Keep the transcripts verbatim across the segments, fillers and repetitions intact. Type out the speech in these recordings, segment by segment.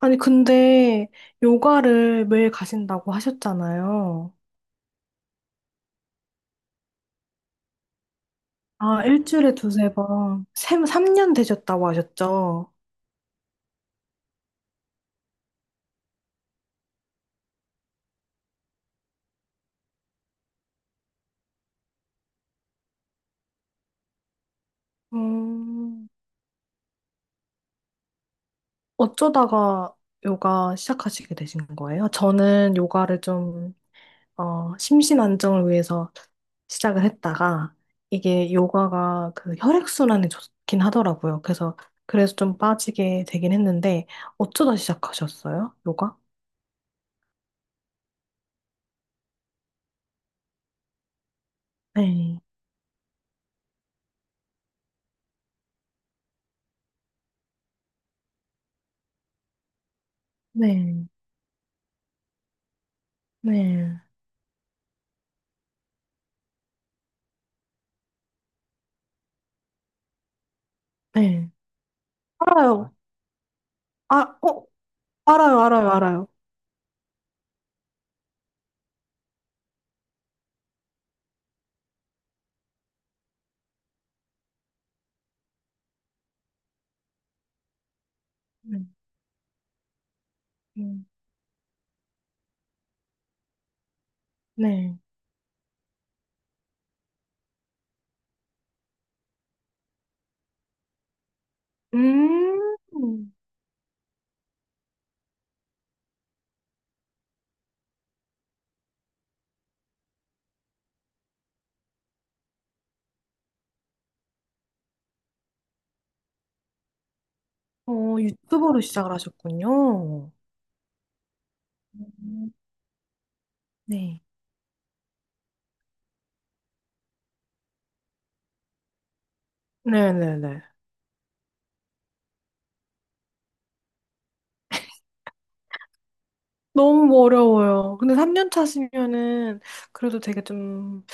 아니, 근데 요가를 매일 가신다고 하셨잖아요. 아, 일주일에 두세 번. 세, 삼 년 되셨다고 하셨죠? 음. 어쩌다가 요가 시작하시게 되신 거예요? 저는 요가를 좀, 어, 심신 안정을 위해서 시작을 했다가 이게 요가가 그 혈액순환에 좋긴 하더라고요. 그래서, 그래서 좀 빠지게 되긴 했는데 어쩌다 시작하셨어요? 요가? 네. 네. 네. 네. 알아요. 아, 어, 알아요, 알아요, 알아요. 음. 음. 네. 음, 어, 유튜버로 시작을 하셨군요. 음. 네. 네네네. 너무 어려워요. 근데 삼 년 차시면은 그래도 되게 좀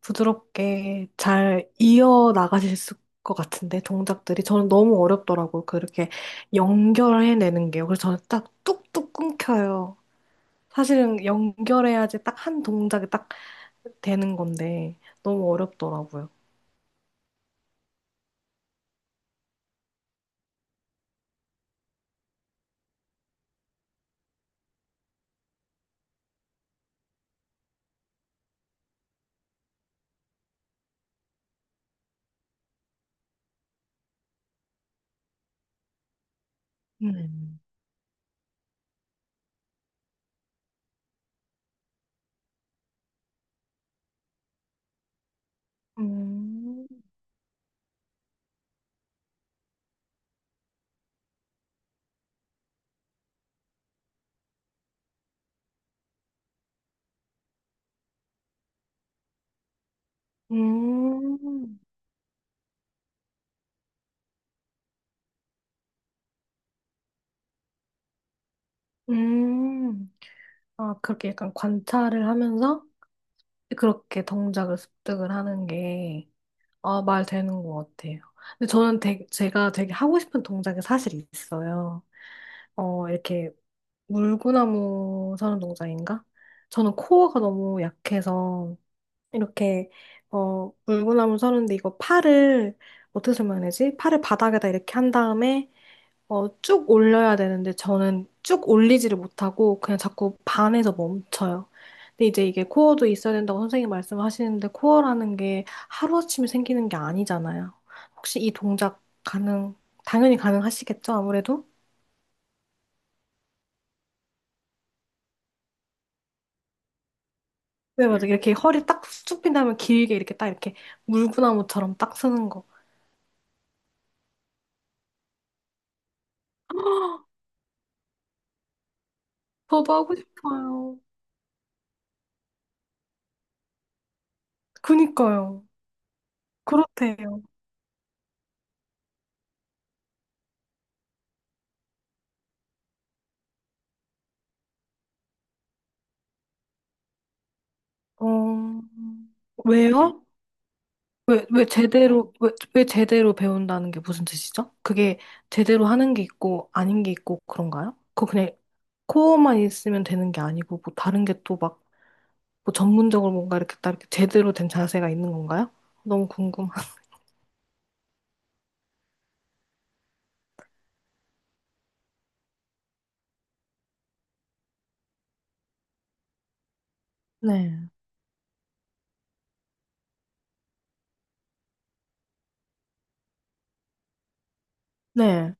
부드럽게 잘 이어 나가실 수- 것 같은데, 동작들이. 저는 너무 어렵더라고요. 그렇게 연결해내는 게요. 그래서 저는 딱 뚝뚝 끊겨요. 사실은 연결해야지 딱 한 동작이 딱 되는 건데 너무 어렵더라고요. 음. 음. 음. 음. 아, 그렇게 약간 관찰을 하면서 그렇게 동작을 습득을 하는 게, 아, 말 되는 것 같아요. 근데 저는 되게, 제가 되게 하고 싶은 동작이 사실 있어요. 어, 이렇게 물구나무 서는 동작인가? 저는 코어가 너무 약해서 이렇게 어 물구나무 서는데 이거 팔을 어떻게 설명해야지? 팔을 바닥에다 이렇게 한 다음에 어 쭉 올려야 되는데 저는 쭉 올리지를 못하고 그냥 자꾸 반에서 멈춰요. 근데 이제 이게 코어도 있어야 된다고 선생님 말씀하시는데 코어라는 게 하루아침에 생기는 게 아니잖아요. 혹시 이 동작 가능, 당연히 가능하시겠죠, 아무래도? 네, 맞아. 요 이렇게 허리 딱 쭉 핀 다음에 길게 이렇게 딱 이렇게 물구나무처럼 딱 서는 거. 저도 하고 싶어요. 그니까요. 그렇대요. 어, 왜요? 왜, 왜 제대로, 왜, 왜 제대로 배운다는 게 무슨 뜻이죠? 그게 제대로 하는 게 있고, 아닌 게 있고, 그런가요? 그거 그냥 코어만 있으면 되는 게 아니고, 뭐 다른 게 또 막, 뭐 전문적으로 뭔가 이렇게 딱 이렇게 제대로 된 자세가 있는 건가요? 너무 궁금한. 네. 네.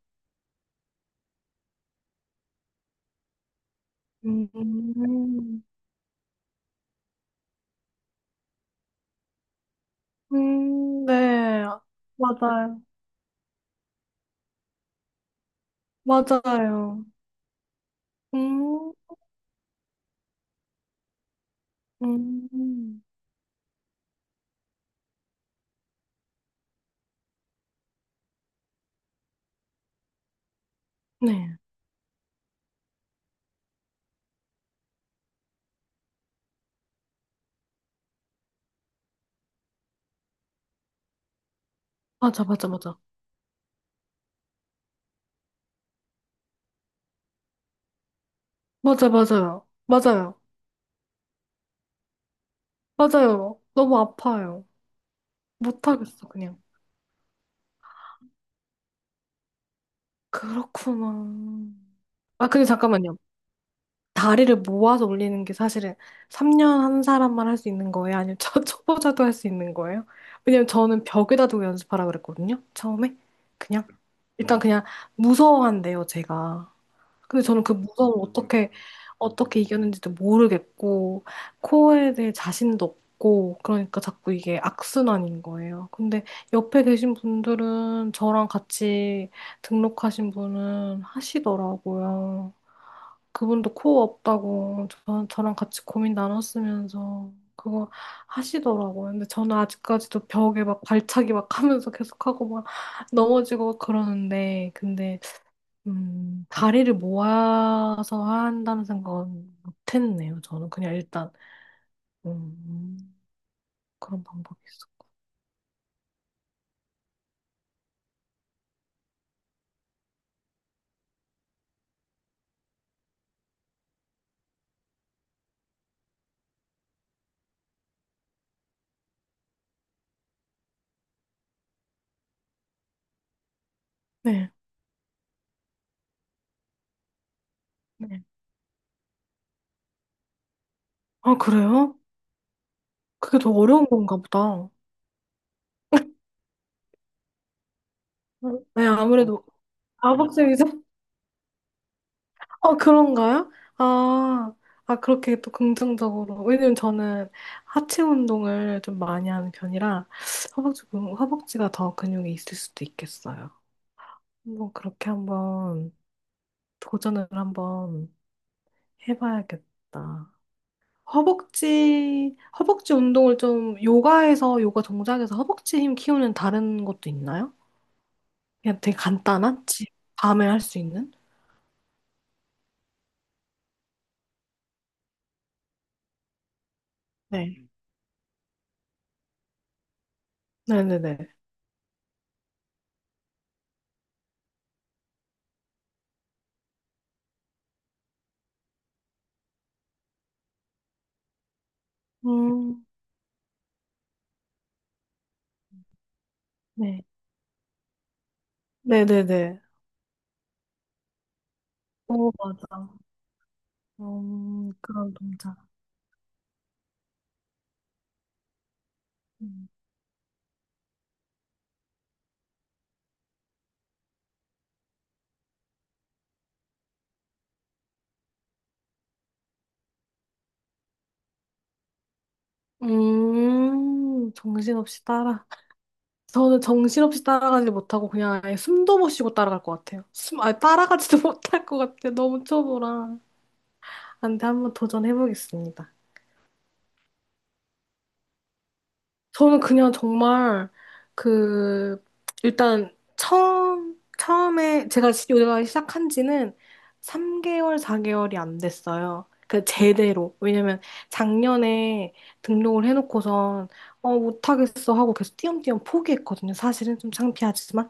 음. 음. 네. 맞아요. 맞아요. 음. 음. 네. 맞아, 맞아, 맞아. 맞아, 맞아요. 맞아요. 맞아요. 너무 아파요. 못하겠어, 그냥. 그렇구나. 아, 근데 잠깐만요. 다리를 모아서 올리는 게 사실은 삼 년 한 사람만 할 수 있는 거예요? 아니면 저, 초보자도 할 수 있는 거예요? 왜냐면 저는 벽에다 두고 연습하라 그랬거든요. 처음에. 그냥. 일단 그냥 무서워한대요, 제가. 근데 저는 그 무서움 어떻게 어떻게 이겼는지도 모르겠고 코어에 대해 자신도 없고 그러니까 자꾸 이게 악순환인 거예요. 근데 옆에 계신 분들은 저랑 같이 등록하신 분은 하시더라고요. 그분도 코어 없다고 저, 저랑 같이 고민 나눴으면서 그거 하시더라고요. 근데 저는 아직까지도 벽에 막 발차기 막 하면서 계속하고 막 넘어지고 막 그러는데 근데 음, 다리를 모아서 한다는 생각은 못했네요. 저는 그냥 일단 음, 그런 방법이 있었고. 네. 네. 아, 그래요? 그게 더 어려운 건가 보다. 네, 아무래도 아박쌤이죠? 아, 그런가요? 아, 아, 그렇게 또 긍정적으로. 왜냐면 저는 하체 운동을 좀 많이 하는 편이라 허벅지, 근- 허벅지가 더 근육이 있을 수도 있겠어요. 한번 그렇게 한번 도전을 한번 해봐야겠다. 허벅지, 허벅지 운동을 좀 요가에서, 요가 동작에서 허벅지 힘 키우는 다른 것도 있나요? 그냥 되게 간단한? 집, 밤에 할 수 있는? 네. 네네네. 음, 네. 네네네. 오, 맞아. 음, 그런 동작. 음. 음, 정신없이 따라. 저는 정신없이 따라가지 못하고 그냥 아예 숨도 못 쉬고 따라갈 것 같아요. 숨, 아예 따라가지도 못할 것 같아요. 너무 초보라. 안 돼, 한번 도전해보겠습니다. 저는 그냥 정말 그 일단 처음 처음에 제가 시- 요가 시작한 지는 삼 개월, 사 개월이 안 됐어요. 그 제대로. 왜냐면 작년에 등록을 해놓고선 어 못하겠어 하고 계속 띄엄띄엄 포기했거든요. 사실은 좀 창피하지만.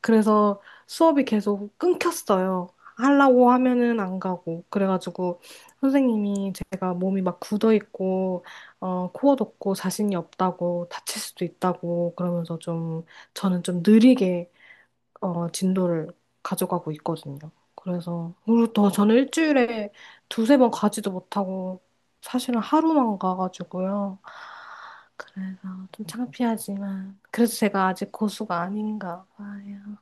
그래서 수업이 계속 끊겼어요. 하려고 하면은 안 가고. 그래가지고 선생님이 제가 몸이 막 굳어 있고, 어, 코어 돕고 자신이 없다고 다칠 수도 있다고 그러면서 좀 저는 좀 느리게 어, 진도를 가져가고 있거든요. 그래서 그리고 또 저는 일주일에 두세 번 가지도 못하고 사실은 하루만 가가지고요. 그래서 좀 창피하지만 그래도 제가 아직 고수가 아닌가 봐요.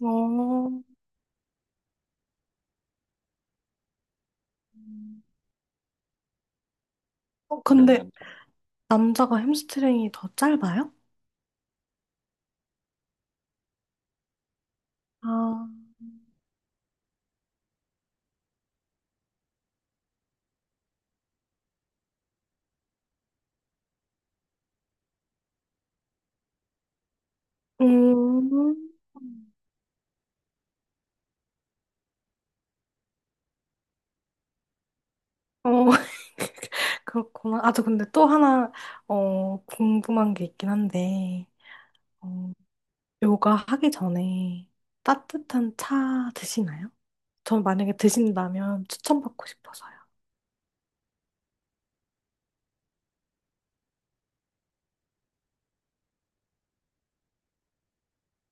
어. 어, 근데 그러면 남자가 햄스트링이 더 짧아요? 아, 음, 어, 그렇구나. 아, 저 근데 또 하나, 어, 궁금한 게 있긴 한데, 어, 요가 하기 전에 따뜻한 차 드시나요? 전 만약에 드신다면 추천받고 싶어서요.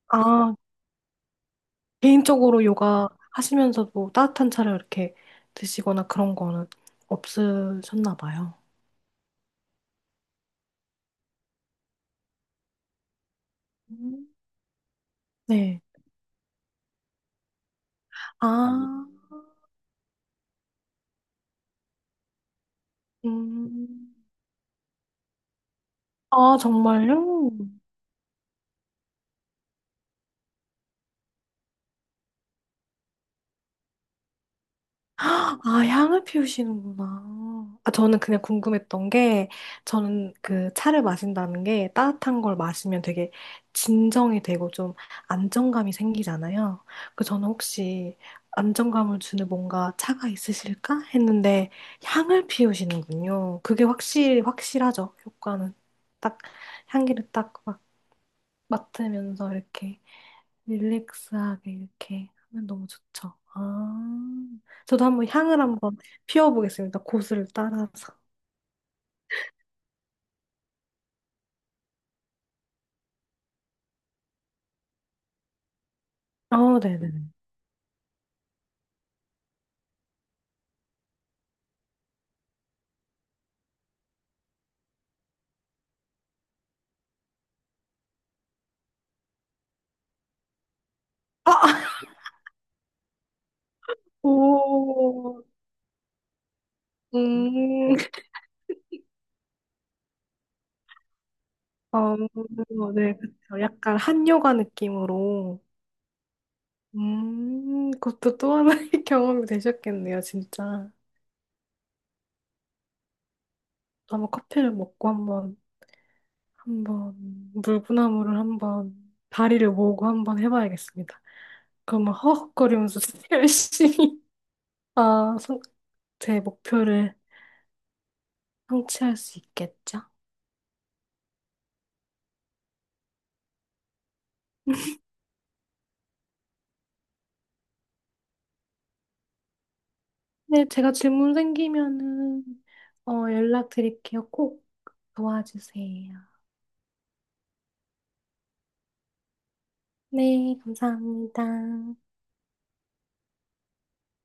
아, 개인적으로 요가 하시면서도 따뜻한 차를 이렇게 드시거나 그런 거는 없으셨나 봐요. 음. 네. 아 아, 음. 아, 정말요? 아, 향을 피우시는구나. 아, 저는 그냥 궁금했던 게, 저는 그 차를 마신다는 게 따뜻한 걸 마시면 되게 진정이 되고 좀 안정감이 생기잖아요. 그 저는 혹시 안정감을 주는 뭔가 차가 있으실까? 했는데 향을 피우시는군요. 그게 확실히 확실하죠. 효과는 딱 향기를 딱 막 맡으면서 이렇게. 릴렉스하게 이렇게 하면 너무 좋죠. 아, 저도 한번 향을 한번 피워보겠습니다. 고수를 따라서. 어, 네네네. 아, 오, 음, 어, 네, 그쵸. 약간 한요가 느낌으로. 음, 그것도 또 하나의 경험이 되셨겠네요, 진짜. 한번 커피를 먹고 한번, 한번, 물구나무를 한번, 다리를 모으고 한번 해봐야겠습니다. 그러면 허헉거리면서 열심히. 아, 성- 제 목표를 성취할 수 있겠죠? 네, 제가 질문 생기면은 어, 연락드릴게요. 꼭 도와주세요. 네, 감사합니다.